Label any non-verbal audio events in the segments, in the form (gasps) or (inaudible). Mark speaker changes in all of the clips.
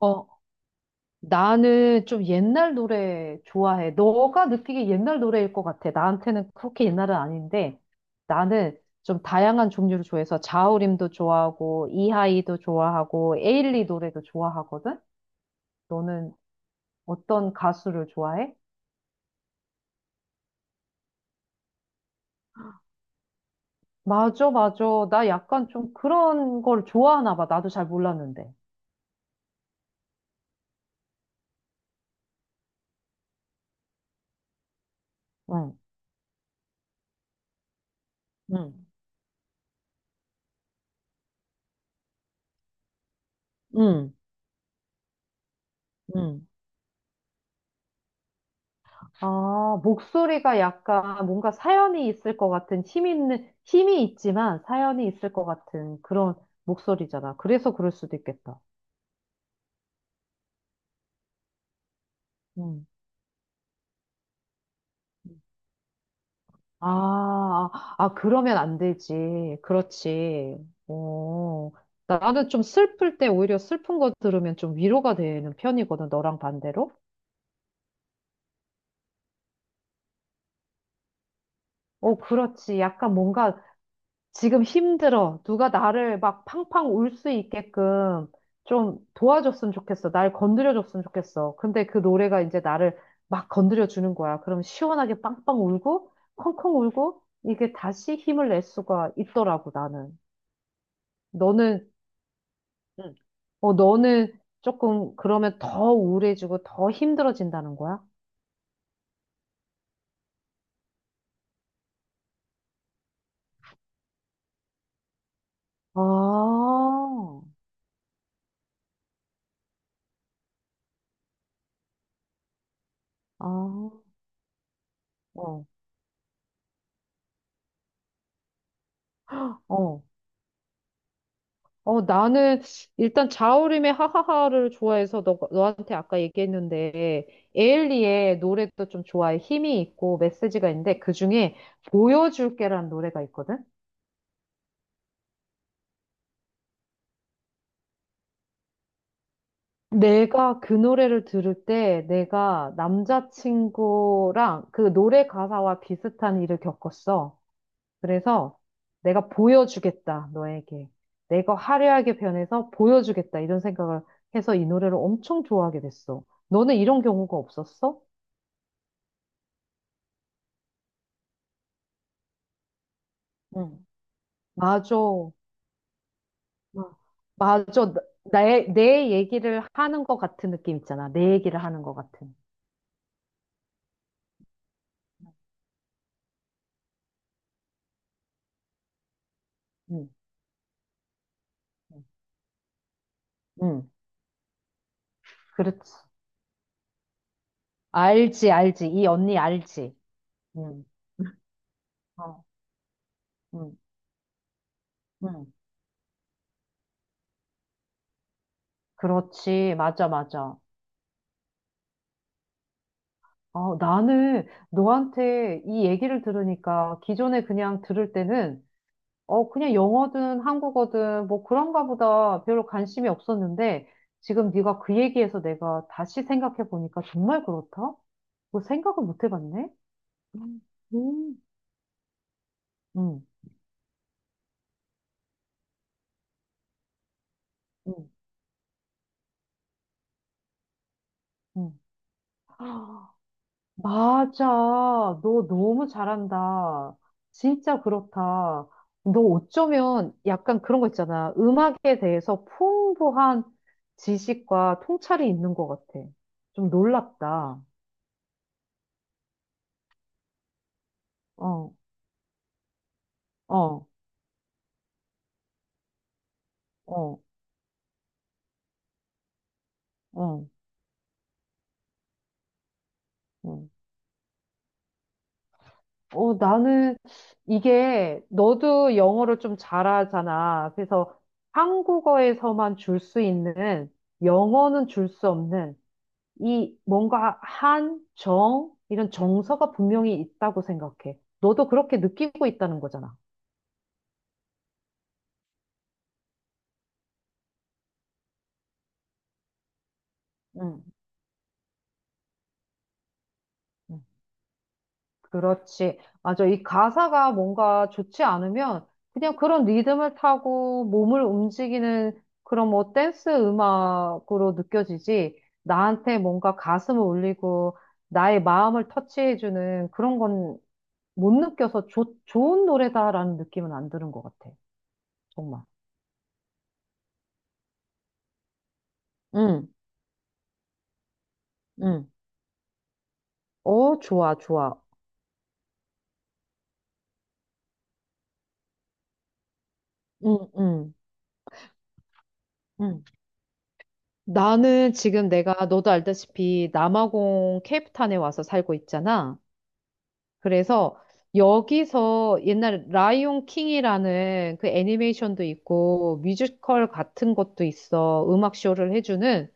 Speaker 1: 어, 나는 좀 옛날 노래 좋아해. 너가 느끼기 옛날 노래일 것 같아. 나한테는 그렇게 옛날은 아닌데, 나는 좀 다양한 종류를 좋아해서 자우림도 좋아하고, 이하이도 좋아하고, 에일리 노래도 좋아하거든? 너는 어떤 가수를 좋아해? 맞아, 맞아. 나 약간 좀 그런 걸 좋아하나 봐. 나도 잘 몰랐는데. 응, 응, 응, 응. 아, 목소리가 약간 뭔가 사연이 있을 것 같은 힘 있는, 힘이 있지만 사연이 있을 것 같은 그런 목소리잖아. 그래서 그럴 수도 있겠다. 음. 아, 아, 아, 그러면 안 되지. 그렇지. 어, 나는 좀 슬플 때 오히려 슬픈 거 들으면 좀 위로가 되는 편이거든, 너랑 반대로. 어, 그렇지. 약간 뭔가 지금 힘들어. 누가 나를 막 팡팡 울 수 있게끔 좀 도와줬으면 좋겠어. 날 건드려줬으면 좋겠어. 근데 그 노래가 이제 나를 막 건드려주는 거야. 그럼 시원하게 빵빵 울고, 콩콩 울고, 이게 다시 힘을 낼 수가 있더라고, 나는. 너는, 응. 너는 조금 그러면 더 우울해지고 더 힘들어진다는 거야? 아, 아, 어, 어. 나는 일단 자우림의 하하하를 좋아해서 너한테 아까 얘기했는데 에일리의 노래도 좀 좋아해. 힘이 있고 메시지가 있는데 그중에 보여줄게라는 노래가 있거든. 내가 그 노래를 들을 때 내가 남자친구랑 그 노래 가사와 비슷한 일을 겪었어. 그래서 내가 보여주겠다, 너에게. 내가 화려하게 변해서 보여주겠다, 이런 생각을 해서 이 노래를 엄청 좋아하게 됐어. 너는 이런 경우가 없었어? 응. 맞아. 막 맞아. 나의, 내 얘기를 하는 것 같은 느낌 있잖아. 내 얘기를 하는 것 같은. 응. 응. 응. 응, 그렇지. 알지, 알지. 이 언니 알지. 응. 어, 응, 응. 그렇지. 맞아, 맞아. 나는 너한테 이 얘기를 들으니까 기존에 그냥 들을 때는 어, 그냥 영어든 한국어든 뭐 그런가 보다 별로 관심이 없었는데 지금 네가 그 얘기해서 내가 다시 생각해 보니까 정말 그렇다? 뭐 생각을 못 해봤네? 음, 음, 음, 음. 음. 아, 맞아. 너 너무 잘한다. 진짜 그렇다. 너 어쩌면 약간 그런 거 있잖아. 음악에 대해서 풍부한 지식과 통찰이 있는 것 같아. 좀 놀랍다. 어, 어, 어. 어, 어. 나는 이게 너도 영어를 좀 잘하잖아. 그래서 한국어에서만 줄 수 있는 영어는 줄 수 없는 이 뭔가 한, 정, 이런 정서가 분명히 있다고 생각해. 너도 그렇게 느끼고 있다는 거잖아. 응. 그렇지. 맞아. 이 가사가 뭔가 좋지 않으면 그냥 그런 리듬을 타고 몸을 움직이는 그런 뭐 댄스 음악으로 느껴지지. 나한테 뭔가 가슴을 울리고 나의 마음을 터치해주는 그런 건 못 느껴서 좋 좋은 노래다라는 느낌은 안 드는 것 같아. 정말. 응, 응. 어, 좋아, 좋아. 응, 응, 응. 나는 지금 내가 너도 알다시피 남아공 케이프타운에 와서 살고 있잖아. 그래서 여기서 옛날 라이온 킹이라는 그 애니메이션도 있고 뮤지컬 같은 것도 있어. 음악 쇼를 해주는.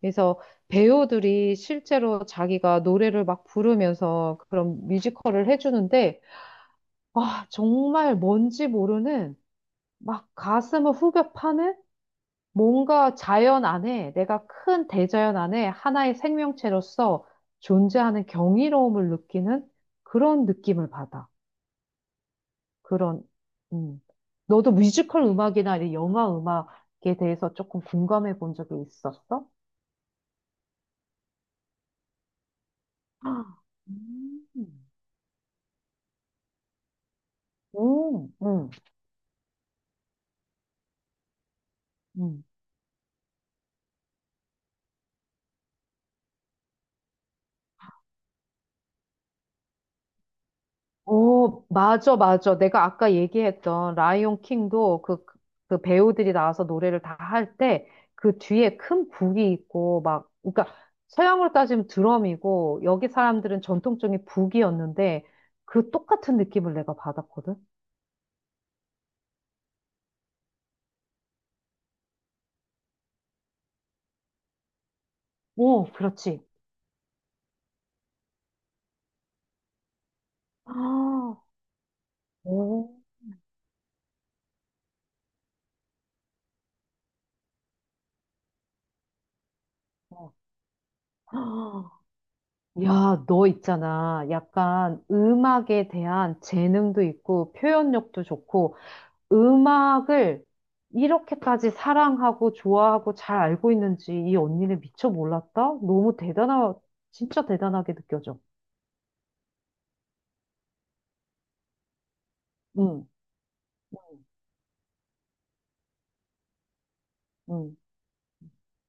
Speaker 1: 그래서 배우들이 실제로 자기가 노래를 막 부르면서 그런 뮤지컬을 해주는데 아, 정말 뭔지 모르는 막 가슴을 후벼 파는 뭔가 자연 안에 내가 큰 대자연 안에 하나의 생명체로서 존재하는 경이로움을 느끼는 그런 느낌을 받아. 그런, 음. 너도 뮤지컬 음악이나 이 영화 음악에 대해서 조금 공감해 본 적이 있었어? 아, 음. 응, 응. 오, 맞아, 맞아. 내가 아까 얘기했던 라이온 킹도 그, 그 배우들이 나와서 노래를 다 할 때 그 뒤에 큰 북이 있고 막, 그러니까 서양으로 따지면 드럼이고 여기 사람들은 전통적인 북이었는데 그 똑같은 느낌을 내가 받았거든. 오, 그렇지. 아, 오, 어. (gasps) 야, 너 있잖아. 약간 음악에 대한 재능도 있고 표현력도 좋고 음악을 이렇게까지 사랑하고 좋아하고 잘 알고 있는지 이 언니는 미처 몰랐다? 진짜 대단하게 느껴져. 응, 응,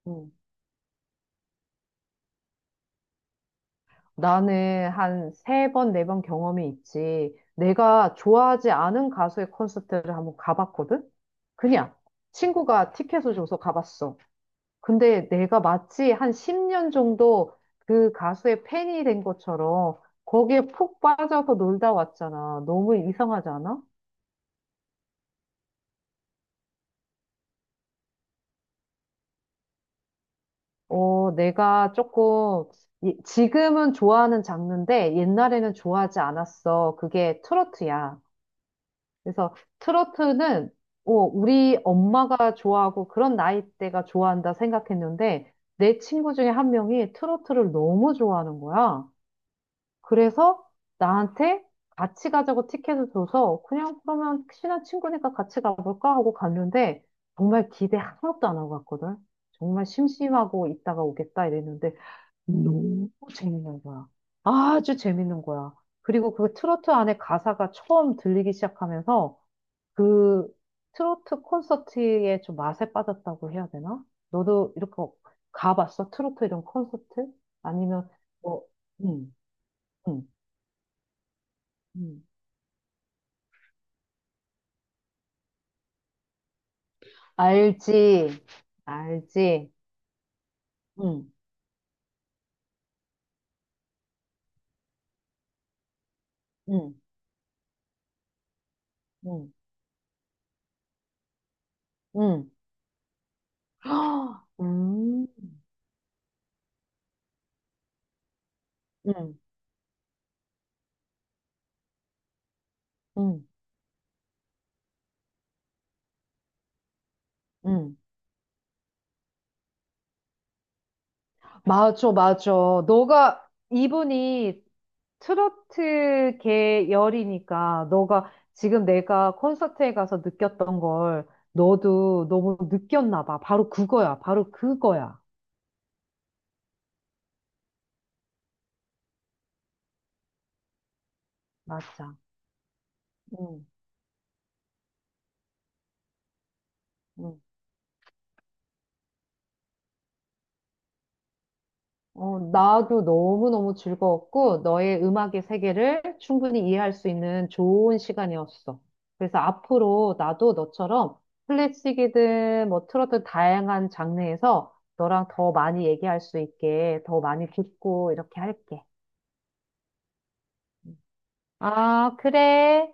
Speaker 1: 응. 나는 한 세 번, 네 번 경험이 있지. 내가 좋아하지 않은 가수의 콘서트를 한번 가봤거든? 그냥 친구가 티켓을 줘서 가봤어. 근데 내가 마치 한 10년 정도 그 가수의 팬이 된 것처럼 거기에 푹 빠져서 놀다 왔잖아. 너무 이상하지 않아? 어, 내가 조금, 지금은 좋아하는 장르인데 옛날에는 좋아하지 않았어. 그게 트로트야. 그래서 트로트는 어, 우리 엄마가 좋아하고 그런 나이대가 좋아한다 생각했는데 내 친구 중에 한 명이 트로트를 너무 좋아하는 거야. 그래서 나한테 같이 가자고 티켓을 줘서 그냥 그러면 친한 친구니까 같이 가볼까 하고 갔는데 정말 기대 하나도 안 하고 갔거든. 정말 심심하고 있다가 오겠다 이랬는데 너무 재밌는 거야. 아주 재밌는 거야. 그리고 그 트로트 안에 가사가 처음 들리기 시작하면서 그 트로트 콘서트에 좀 맛에 빠졌다고 해야 되나? 너도 이렇게 가봤어? 트로트 이런 콘서트? 아니면 뭐, 음, 음, 음. 알지, 알지. 응, 응, 응, 응. (gasps) 헉, 응, 응, 응. 맞아, 맞아. 너가, 이분이 트로트 계 열이니까, 너가 지금 내가 콘서트에 가서 느꼈던 걸 너도 너무 느꼈나 봐. 바로 그거야, 바로 그거야. 맞아. 응, 응, 나도 너무너무 즐거웠고, 너의 음악의 세계를 충분히 이해할 수 있는 좋은 시간이었어. 그래서 앞으로 나도 너처럼 클래식이든 뭐 트로트 다양한 장르에서 너랑 더 많이 얘기할 수 있게, 더 많이 듣고 이렇게 할게. 음. 아, 그래.